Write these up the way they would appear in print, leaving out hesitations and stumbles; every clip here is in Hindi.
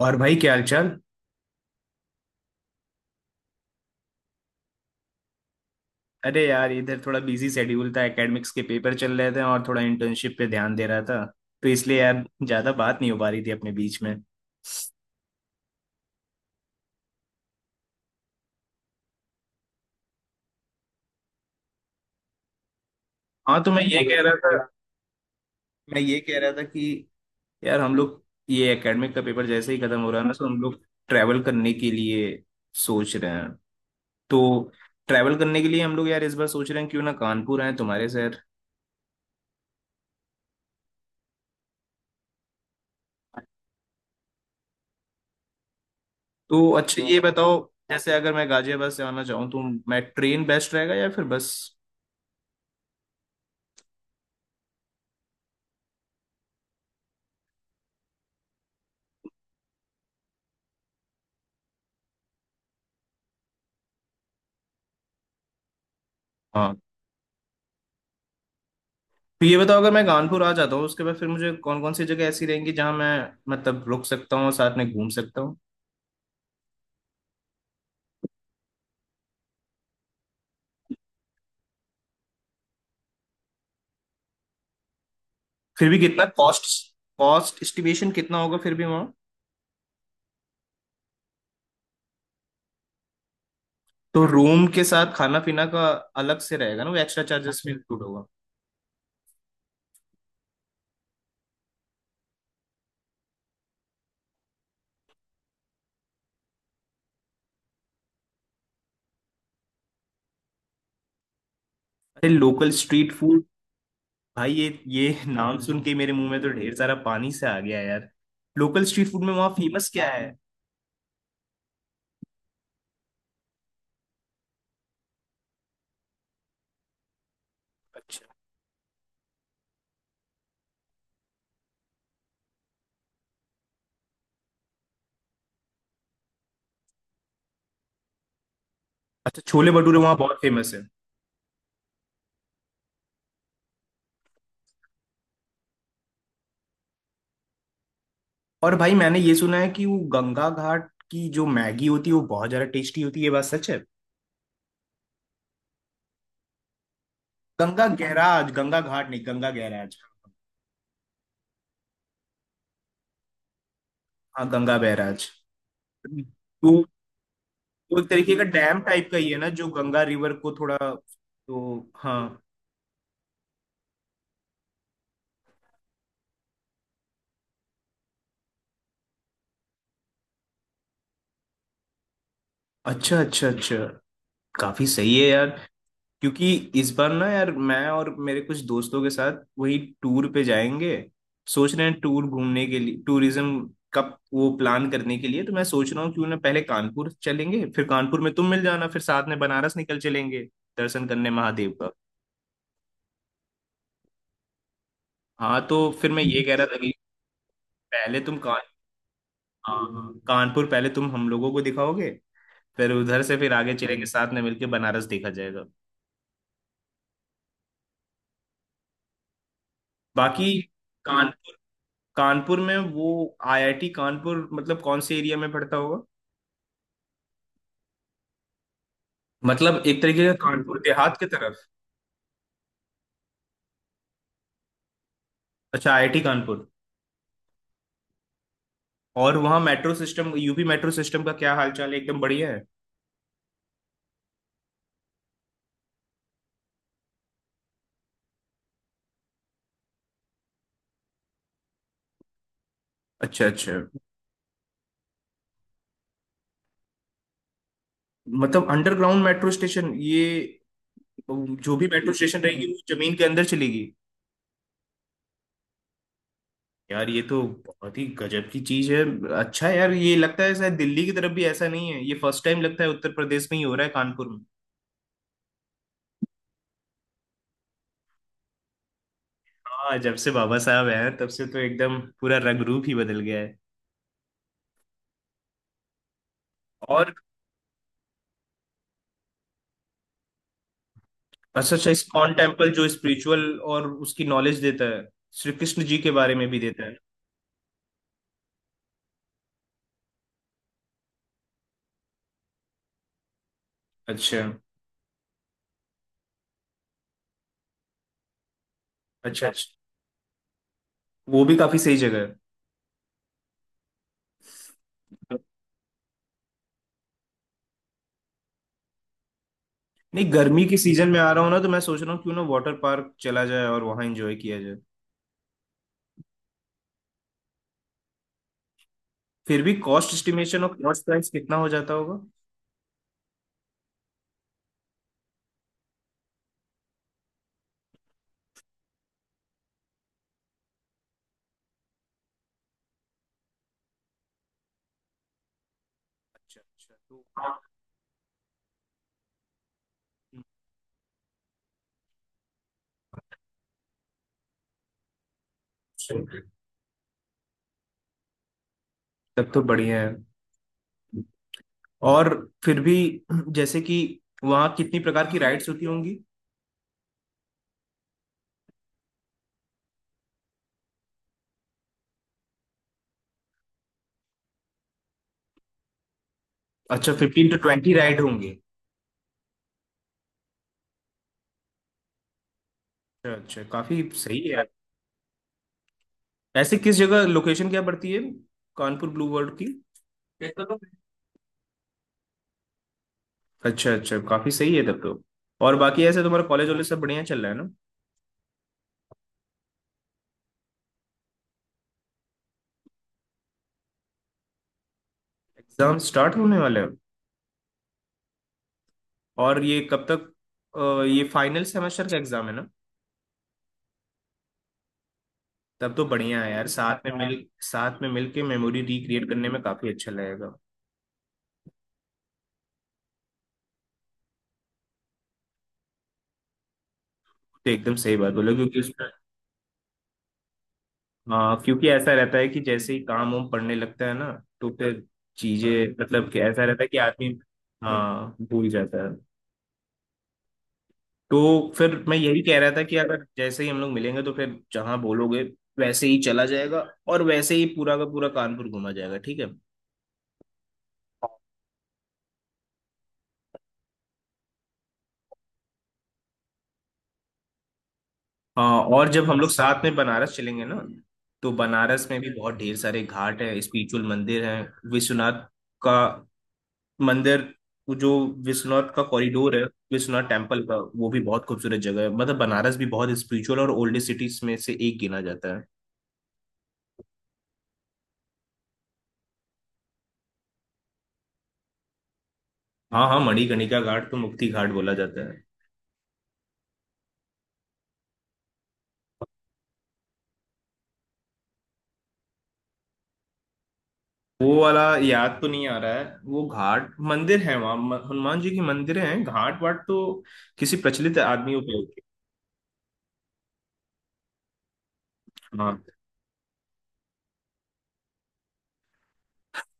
और भाई क्या हालचाल। अरे यार इधर थोड़ा बिजी शेड्यूल था, एकेडमिक्स के पेपर चल रहे थे और थोड़ा इंटर्नशिप पे ध्यान दे रहा था। तो इसलिए यार ज्यादा बात नहीं हो पा रही थी अपने बीच में। हाँ, तो मैं ये कह रहा था कि यार हम लोग, ये एकेडमिक का पेपर जैसे ही खत्म हो रहा है ना तो हम लोग ट्रैवल करने के लिए सोच रहे हैं। तो ट्रैवल करने के लिए हम लोग यार इस बार सोच रहे हैं, क्यों ना कानपुर आए तुम्हारे शहर। तो अच्छा ये बताओ, जैसे अगर मैं गाजियाबाद से आना चाहूँ तो मैं ट्रेन बेस्ट रहेगा या फिर बस। हाँ। तो ये बताओ, अगर मैं कानपुर आ जाता हूँ उसके बाद फिर मुझे कौन कौन सी जगह ऐसी रहेंगी जहाँ मैं, मतलब रुक सकता हूँ, साथ में घूम सकता हूँ। फिर भी कितना कॉस्ट, कॉस्ट एस्टिमेशन कितना होगा फिर भी वहाँ। तो रूम के साथ खाना पीना का अलग से रहेगा ना, वो एक्स्ट्रा चार्जेस में इंक्लूड होगा। अरे लोकल स्ट्रीट फूड, भाई ये नाम सुन के मेरे मुंह में तो ढेर सारा पानी से आ गया यार। लोकल स्ट्रीट फूड में वहाँ फेमस क्या है। अच्छा। अच्छा, छोले भटूरे वहाँ बहुत फेमस है। और भाई मैंने ये सुना है कि वो गंगा घाट की जो मैगी होती है वो बहुत ज्यादा टेस्टी होती है, ये बात सच है। गंगा गैराज, गंगा घाट नहीं, गंगा गैराज। हाँ गंगा बैराज। तो वो एक तरीके का डैम टाइप का ही है ना, जो गंगा रिवर को थोड़ा, तो हाँ। अच्छा अच्छा अच्छा, काफी सही है यार। क्योंकि इस बार ना यार मैं और मेरे कुछ दोस्तों के साथ वही टूर पे जाएंगे, सोच रहे हैं टूर घूमने के लिए, टूरिज्म का वो प्लान करने के लिए। तो मैं सोच रहा हूँ क्यों ना पहले कानपुर चलेंगे, फिर कानपुर में तुम मिल जाना, फिर साथ में बनारस निकल चलेंगे दर्शन करने महादेव का। हाँ तो फिर मैं ये कह रहा था कि पहले तुम कान हाँ हाँ, कानपुर पहले तुम हम लोगों को दिखाओगे, फिर उधर से फिर आगे चलेंगे साथ में मिलके बनारस देखा जाएगा। बाकी कानपुर कानपुर में वो आईआईटी कानपुर मतलब कौन से एरिया में पड़ता होगा। मतलब एक तरीके का कानपुर देहात की तरफ। अच्छा आईआईटी कानपुर। और वहाँ metro system, UP metro system का क्या हालचाल है, एकदम बढ़िया है। अच्छा अच्छा। मतलब अंडरग्राउंड मेट्रो स्टेशन, ये जो भी मेट्रो स्टेशन रहेगी वो जमीन के अंदर चलेगी। यार ये तो बहुत ही गजब की चीज है। अच्छा यार, ये लगता है शायद दिल्ली की तरफ भी ऐसा नहीं है, ये फर्स्ट टाइम लगता है उत्तर प्रदेश में ही हो रहा है कानपुर में। हाँ, जब से बाबा साहब आए हैं तब से तो एकदम पूरा रंग रूप ही बदल गया है। और अच्छा अच्छा, इस्कॉन टेम्पल जो स्पिरिचुअल और उसकी नॉलेज देता है, श्री कृष्ण जी के बारे में भी देता है। अच्छा अच्छा अच्छा, वो भी काफी सही जगह है। नहीं, गर्मी के सीजन में आ रहा हूँ ना तो मैं सोच रहा हूँ क्यों ना वाटर पार्क चला जाए और वहां एंजॉय किया जाए। फिर भी कॉस्ट एस्टिमेशन और कॉस्ट प्राइस कितना हो जाता होगा। अच्छा अच्छा। तो तब तो बढ़िया है। और फिर भी जैसे कि वहाँ कितनी प्रकार की राइड्स होती होंगी। अच्छा फिफ्टीन टू ट्वेंटी राइड होंगी। अच्छा अच्छा काफी सही है यार। ऐसे किस जगह लोकेशन क्या पड़ती है, कानपुर ब्लू वर्ल्ड की। अच्छा अच्छा काफी सही है तब तो। और बाकी ऐसे तुम्हारा कॉलेज वॉलेज सब बढ़िया चल रहा है ना। एग्जाम स्टार्ट होने वाले हैं। और ये कब तक, ये फाइनल सेमेस्टर का एग्जाम है ना। तब तो बढ़िया है यार, साथ में मिल के मेमोरी रिक्रिएट करने में काफी अच्छा लगेगा। तो एकदम सही बात बोले, क्योंकि उसमें, हाँ क्योंकि ऐसा रहता है कि जैसे ही काम वाम पड़ने लगता है ना तो फिर चीजें, मतलब कि ऐसा रहता है कि आदमी, हाँ भूल जाता है। तो फिर मैं यही कह रहा था कि अगर जैसे ही हम लोग मिलेंगे तो फिर जहाँ बोलोगे वैसे ही चला जाएगा, और वैसे ही पूरा का पूरा कानपुर घूमा जाएगा, ठीक है। हाँ, और जब हम लोग साथ में बनारस चलेंगे ना, तो बनारस में भी बहुत ढेर सारे घाट हैं, स्पिरिचुअल मंदिर हैं, विश्वनाथ का मंदिर, वो जो विश्वनाथ का कॉरिडोर है, विश्वनाथ टेम्पल का, वो भी बहुत खूबसूरत जगह है। मतलब बनारस भी बहुत स्पिरिचुअल और ओल्डेस्ट सिटीज में से एक गिना जाता है। हाँ हाँ, मणिकर्णिका घाट तो मुक्ति घाट बोला जाता है। वो वाला याद तो नहीं आ रहा है, वो घाट मंदिर है वहाँ, हनुमान जी की मंदिर हैं, घाट वाट तो किसी प्रचलित आदमियों पे होगी। हाँ,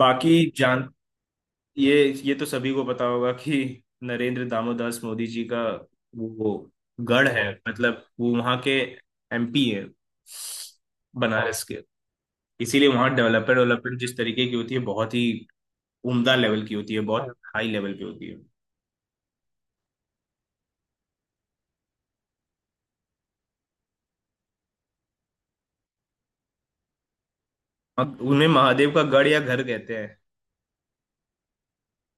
बाकी जान, ये तो सभी को पता होगा कि नरेंद्र दामोदास मोदी जी का वो गढ़ है, मतलब वो वहां के एमपी है, बनारस के। इसीलिए वहां डेवलपमेंट डेवलपमेंट जिस तरीके की होती है बहुत ही उम्दा लेवल की होती है, बहुत हाई लेवल पे होती है। अब उन्हें महादेव का गढ़ या घर कहते हैं,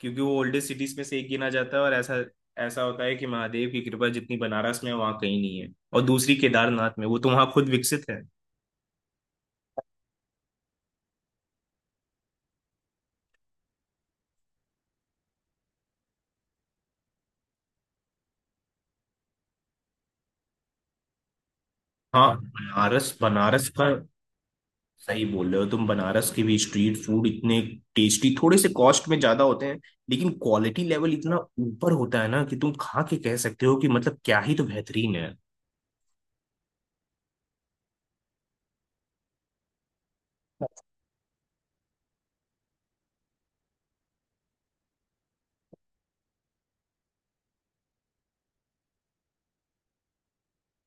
क्योंकि वो ओल्डेस्ट सिटीज में से एक गिना जाता है। और ऐसा ऐसा होता है कि महादेव की कृपा जितनी बनारस में है, वहाँ कहीं नहीं है, और दूसरी केदारनाथ में, वो तो वहाँ खुद विकसित है। हाँ, बनारस बनारस का, सही बोल रहे हो तुम। बनारस के भी स्ट्रीट फूड इतने टेस्टी, थोड़े से कॉस्ट में ज्यादा होते हैं, लेकिन क्वालिटी लेवल इतना ऊपर होता है ना कि तुम खा के कह सकते हो कि मतलब क्या ही तो बेहतरीन है।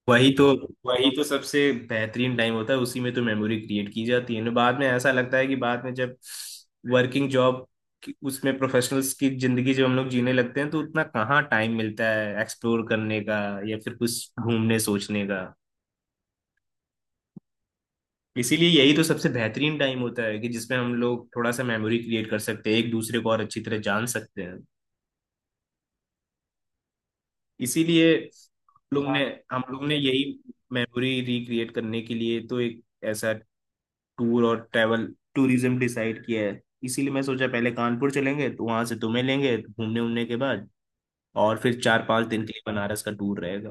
वही तो वही तो सबसे बेहतरीन टाइम होता है, उसी में तो मेमोरी क्रिएट की जाती है ना। बाद में ऐसा लगता है कि बाद में जब वर्किंग जॉब, उसमें प्रोफेशनल्स की जिंदगी जब हम लोग जीने लगते हैं, तो उतना कहाँ टाइम मिलता है एक्सप्लोर करने का, या फिर कुछ घूमने सोचने का। इसीलिए यही तो सबसे बेहतरीन टाइम होता है कि जिसमें हम लोग थोड़ा सा मेमोरी क्रिएट कर सकते हैं, एक दूसरे को और अच्छी तरह जान सकते हैं। इसीलिए हम लोग ने यही मेमोरी रिक्रिएट करने के लिए तो एक ऐसा टूर और ट्रैवल टूरिज्म डिसाइड किया है। इसीलिए मैं सोचा पहले कानपुर चलेंगे, तो वहां से तुम्हें लेंगे, घूमने उमने के बाद, और फिर चार पांच दिन के लिए बनारस का टूर रहेगा।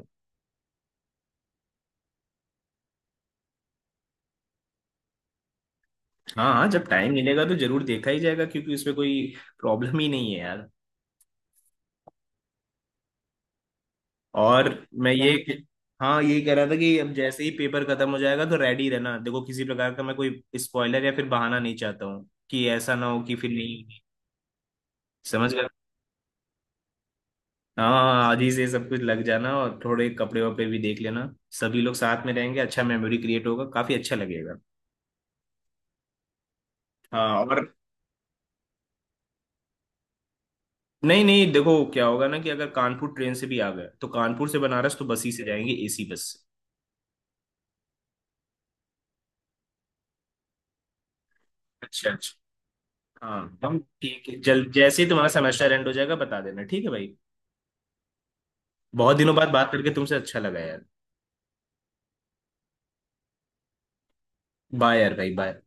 हाँ हाँ, जब टाइम मिलेगा तो जरूर देखा ही जाएगा, क्योंकि उसमें कोई प्रॉब्लम ही नहीं है यार। और मैं क्या ये हाँ ये कह रहा था कि अब जैसे ही पेपर खत्म हो जाएगा तो रेडी रहना, देखो किसी प्रकार का मैं कोई स्पॉइलर या फिर बहाना नहीं चाहता हूँ कि ऐसा ना हो कि फिर नहीं होगी। समझ गए। हाँ हाँ, हाँ, आज ही से सब कुछ लग जाना और थोड़े कपड़े वपड़े भी देख लेना, सभी लोग साथ में रहेंगे, अच्छा मेमोरी क्रिएट होगा, काफी अच्छा लगेगा। हाँ, और नहीं नहीं, देखो क्या होगा ना, कि अगर कानपुर ट्रेन से भी आ गए तो कानपुर से बनारस तो बस ही से जाएंगे, एसी बस से। अच्छा अच्छा। हाँ हम ठीक है, जल्द जैसे ही तुम्हारा सेमेस्टर एंड हो जाएगा बता देना, ठीक है भाई। बहुत दिनों बाद बात करके तुमसे अच्छा लगा यार। बाय यार, भाई बाय।